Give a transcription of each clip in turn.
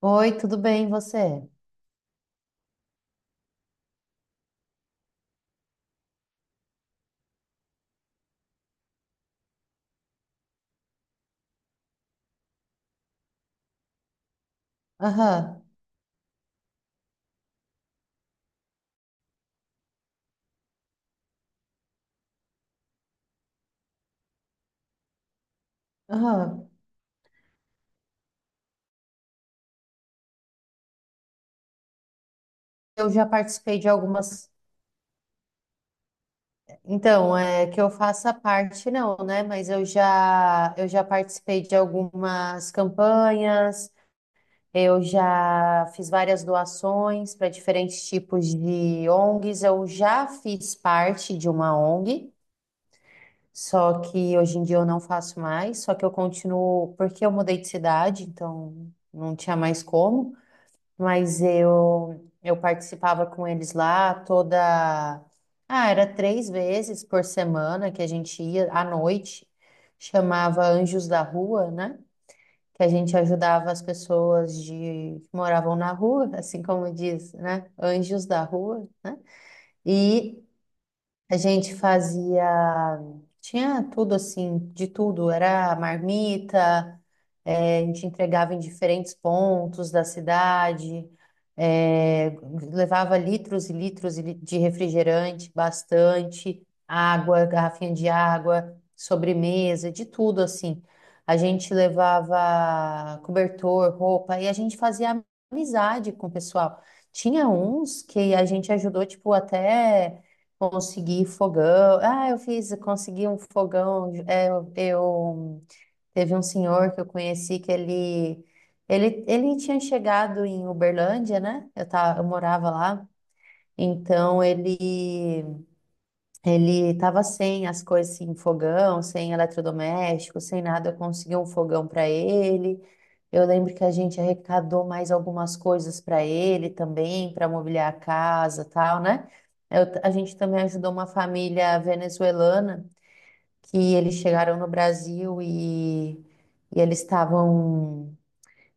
Oi, tudo bem, e você? Aham, aham. Eu já participei de algumas. Então, é que eu faça parte, não, né? Mas eu já participei de algumas campanhas, eu já fiz várias doações para diferentes tipos de ONGs. Eu já fiz parte de uma ONG, só que hoje em dia eu não faço mais, só que eu continuo, porque eu mudei de cidade, então não tinha mais como. Mas eu participava com eles lá toda, ah, era três vezes por semana que a gente ia à noite, chamava Anjos da Rua, né? Que a gente ajudava as pessoas de que moravam na rua, assim como diz, né? Anjos da Rua, né? E a gente fazia, tinha tudo assim, de tudo, era marmita, a gente entregava em diferentes pontos da cidade, eh, levava litros e litros de refrigerante, bastante, água, garrafinha de água, sobremesa, de tudo assim. A gente levava cobertor, roupa, e a gente fazia amizade com o pessoal. Tinha uns que a gente ajudou, tipo, até. Consegui fogão. Ah, eu fiz, consegui um fogão. É, eu, teve um senhor que eu conheci que ele tinha chegado em Uberlândia, né? Eu morava lá. Então ele estava sem as coisas, sem fogão, sem eletrodoméstico, sem nada. Eu consegui um fogão para ele. Eu lembro que a gente arrecadou mais algumas coisas para ele também, para mobiliar a casa, tal, né? A gente também ajudou uma família venezuelana que eles chegaram no Brasil e, e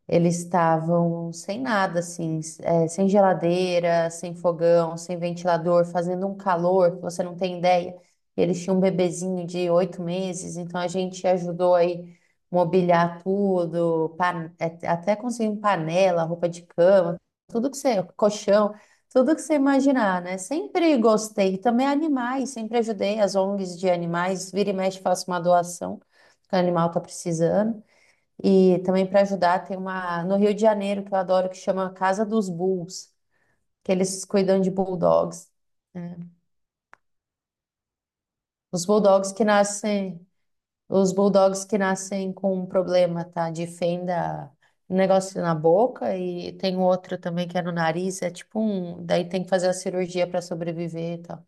eles estavam sem nada, assim, sem geladeira, sem fogão, sem ventilador, fazendo um calor que você não tem ideia. E eles tinham um bebezinho de 8 meses, então a gente ajudou aí mobiliar tudo, até conseguimos panela, roupa de cama, tudo que você, colchão, tudo que você imaginar, né? Sempre gostei. E também animais, sempre ajudei as ONGs de animais, vira e mexe, faço uma doação que o animal está precisando. E também para ajudar, tem uma no Rio de Janeiro que eu adoro, que chama Casa dos Bulls, que eles cuidam de bulldogs, né? Os bulldogs que nascem, os bulldogs que nascem com um problema, tá? De fenda, um negócio na boca e tem um outro também que é no nariz, é tipo um, daí tem que fazer a cirurgia para sobreviver e tal.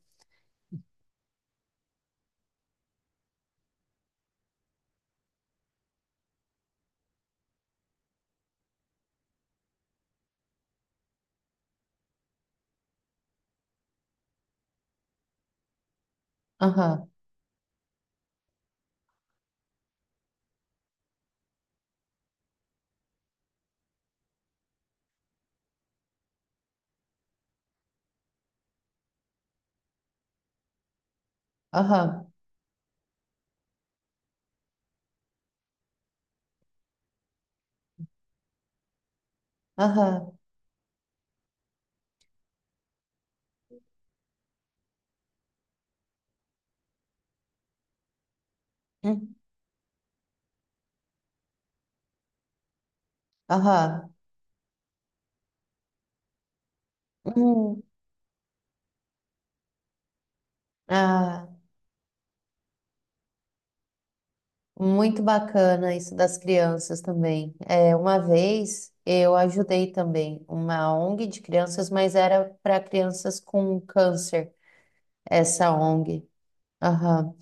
Aham, aham. Aham. Hum. Aham. Hum. Ah, muito bacana isso das crianças também. É, uma vez eu ajudei também uma ONG de crianças, mas era para crianças com câncer, essa ONG. Aham.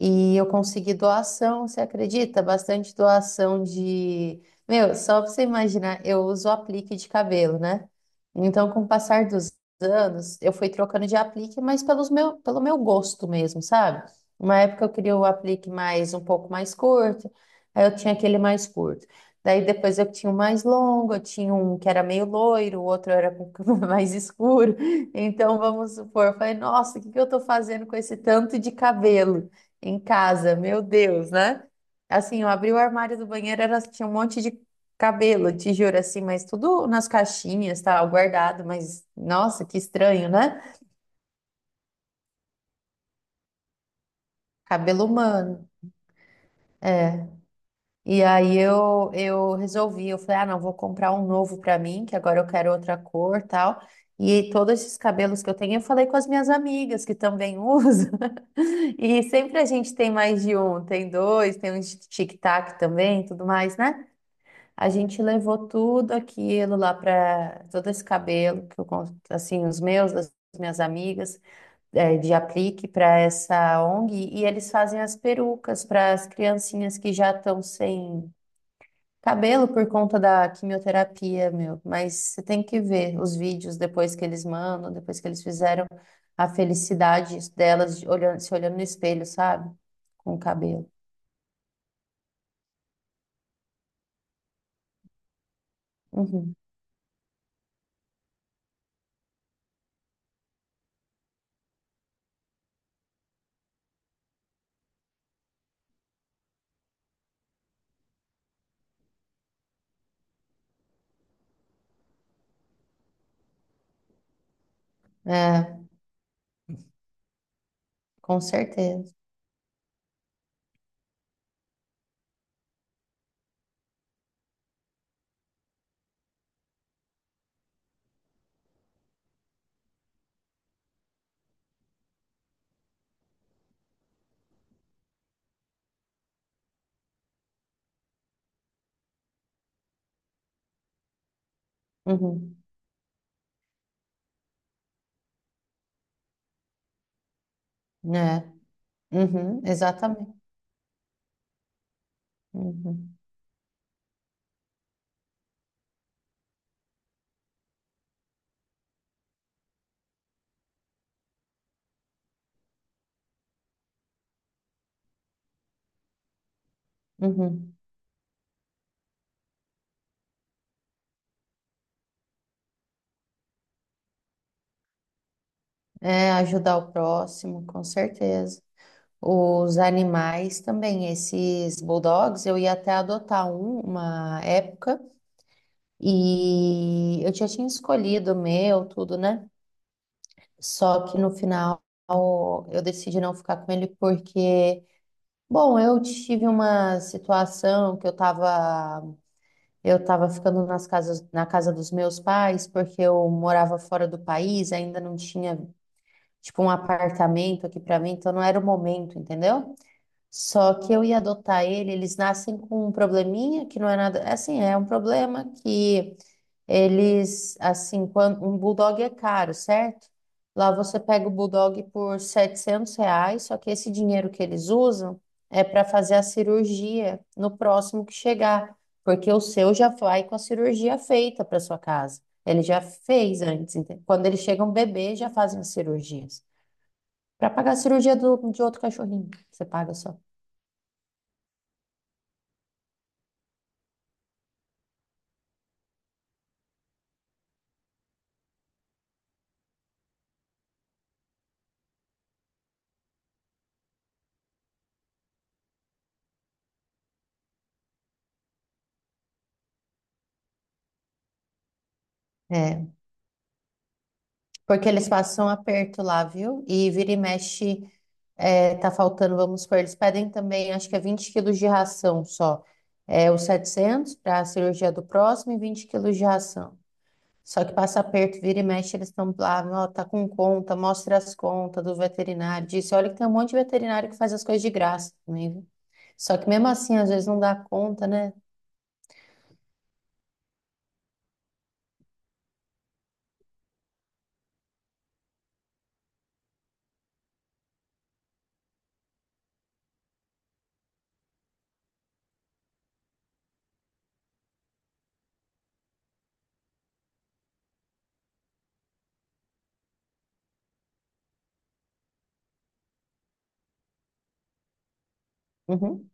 E eu consegui doação, você acredita? Bastante doação de. Meu, só pra você imaginar, eu uso aplique de cabelo, né? Então, com o passar dos anos, eu fui trocando de aplique, mas pelo meu gosto mesmo, sabe? Uma época eu queria o aplique mais um pouco mais curto, aí eu tinha aquele mais curto. Daí depois eu tinha o mais longo, eu tinha um que era meio loiro, o outro era com mais escuro. Então, vamos supor, eu falei, nossa, o que que eu estou fazendo com esse tanto de cabelo em casa? Meu Deus, né? Assim, eu abri o armário do banheiro, era, tinha um monte de cabelo, te assim, mas tudo nas caixinhas, tal, guardado, mas, nossa, que estranho, né? Cabelo humano. E aí eu resolvi, eu falei, ah, não, vou comprar um novo pra mim, que agora eu quero outra cor, tal. E todos esses cabelos que eu tenho, eu falei com as minhas amigas que também usam. E sempre a gente tem mais de um, tem dois, tem um de tic-tac também, tudo mais, né? A gente levou tudo aquilo lá pra todo esse cabelo que eu assim, os meus, das minhas amigas, de aplique para essa ONG, e eles fazem as perucas para as criancinhas que já estão sem cabelo por conta da quimioterapia, meu, mas você tem que ver os vídeos depois que eles mandam, depois que eles fizeram a felicidade delas olhando, se olhando no espelho, sabe? Com o cabelo. Uhum. É, com certeza. Uhum. É. Uhum. Exatamente. Uhum. Uhum. É, ajudar o próximo, com certeza. Os animais também, esses bulldogs, eu ia até adotar um, uma época. E eu já tinha escolhido o meu, tudo, né? Só que no final eu decidi não ficar com ele porque, bom, eu tive uma situação que eu tava ficando nas casas, na casa dos meus pais porque eu morava fora do país, ainda não tinha, tipo, um apartamento aqui pra mim, então não era o momento, entendeu? Só que eu ia adotar ele, eles nascem com um probleminha que não é nada, é assim, é um problema que eles, assim, quando um bulldog é caro, certo? Lá você pega o bulldog por R$ 700, só que esse dinheiro que eles usam é para fazer a cirurgia no próximo que chegar, porque o seu já vai com a cirurgia feita para sua casa. Ele já fez antes, entende? Quando eles chegam bebê, já fazem as cirurgias. Para pagar a cirurgia de outro cachorrinho, você paga só. É, porque eles passam aperto lá, viu? E vira e mexe, tá faltando, vamos supor, eles pedem também, acho que é 20 quilos de ração só. É, os 700 para a cirurgia do próximo e 20 quilos de ração. Só que passa aperto, vira e mexe, eles estão lá, ó, tá com conta, mostra as contas do veterinário, disse, olha que tem um monte de veterinário que faz as coisas de graça também, viu? Só que mesmo assim, às vezes não dá conta, né? Uhum.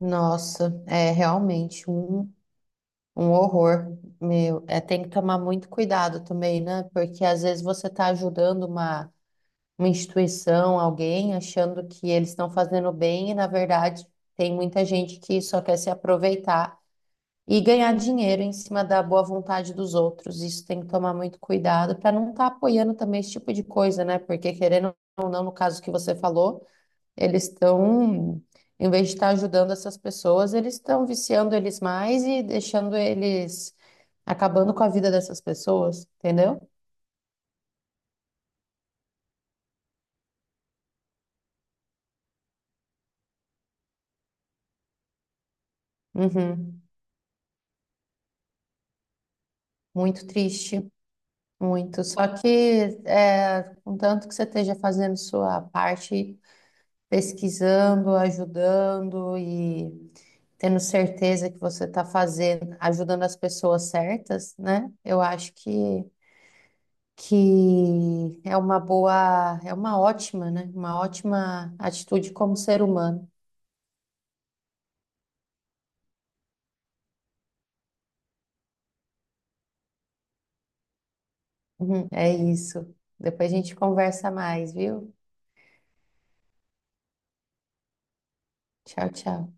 Nossa, é realmente um. Um horror, meu. É, tem que tomar muito cuidado também, né? Porque às vezes você está ajudando uma instituição, alguém, achando que eles estão fazendo bem e, na verdade, tem muita gente que só quer se aproveitar e ganhar dinheiro em cima da boa vontade dos outros. Isso tem que tomar muito cuidado para não estar apoiando também esse tipo de coisa, né? Porque, querendo ou não, no caso que você falou. Eles estão, em vez de estar ajudando essas pessoas, eles estão viciando eles mais e deixando eles acabando com a vida dessas pessoas, entendeu? Uhum. Muito triste, muito. Só que, é, contanto que você esteja fazendo sua parte, pesquisando, ajudando e tendo certeza que você está fazendo, ajudando as pessoas certas, né? Eu acho que é uma boa, é uma ótima, né? Uma ótima atitude como ser humano. Uhum, é isso. Depois a gente conversa mais, viu? Tchau, tchau.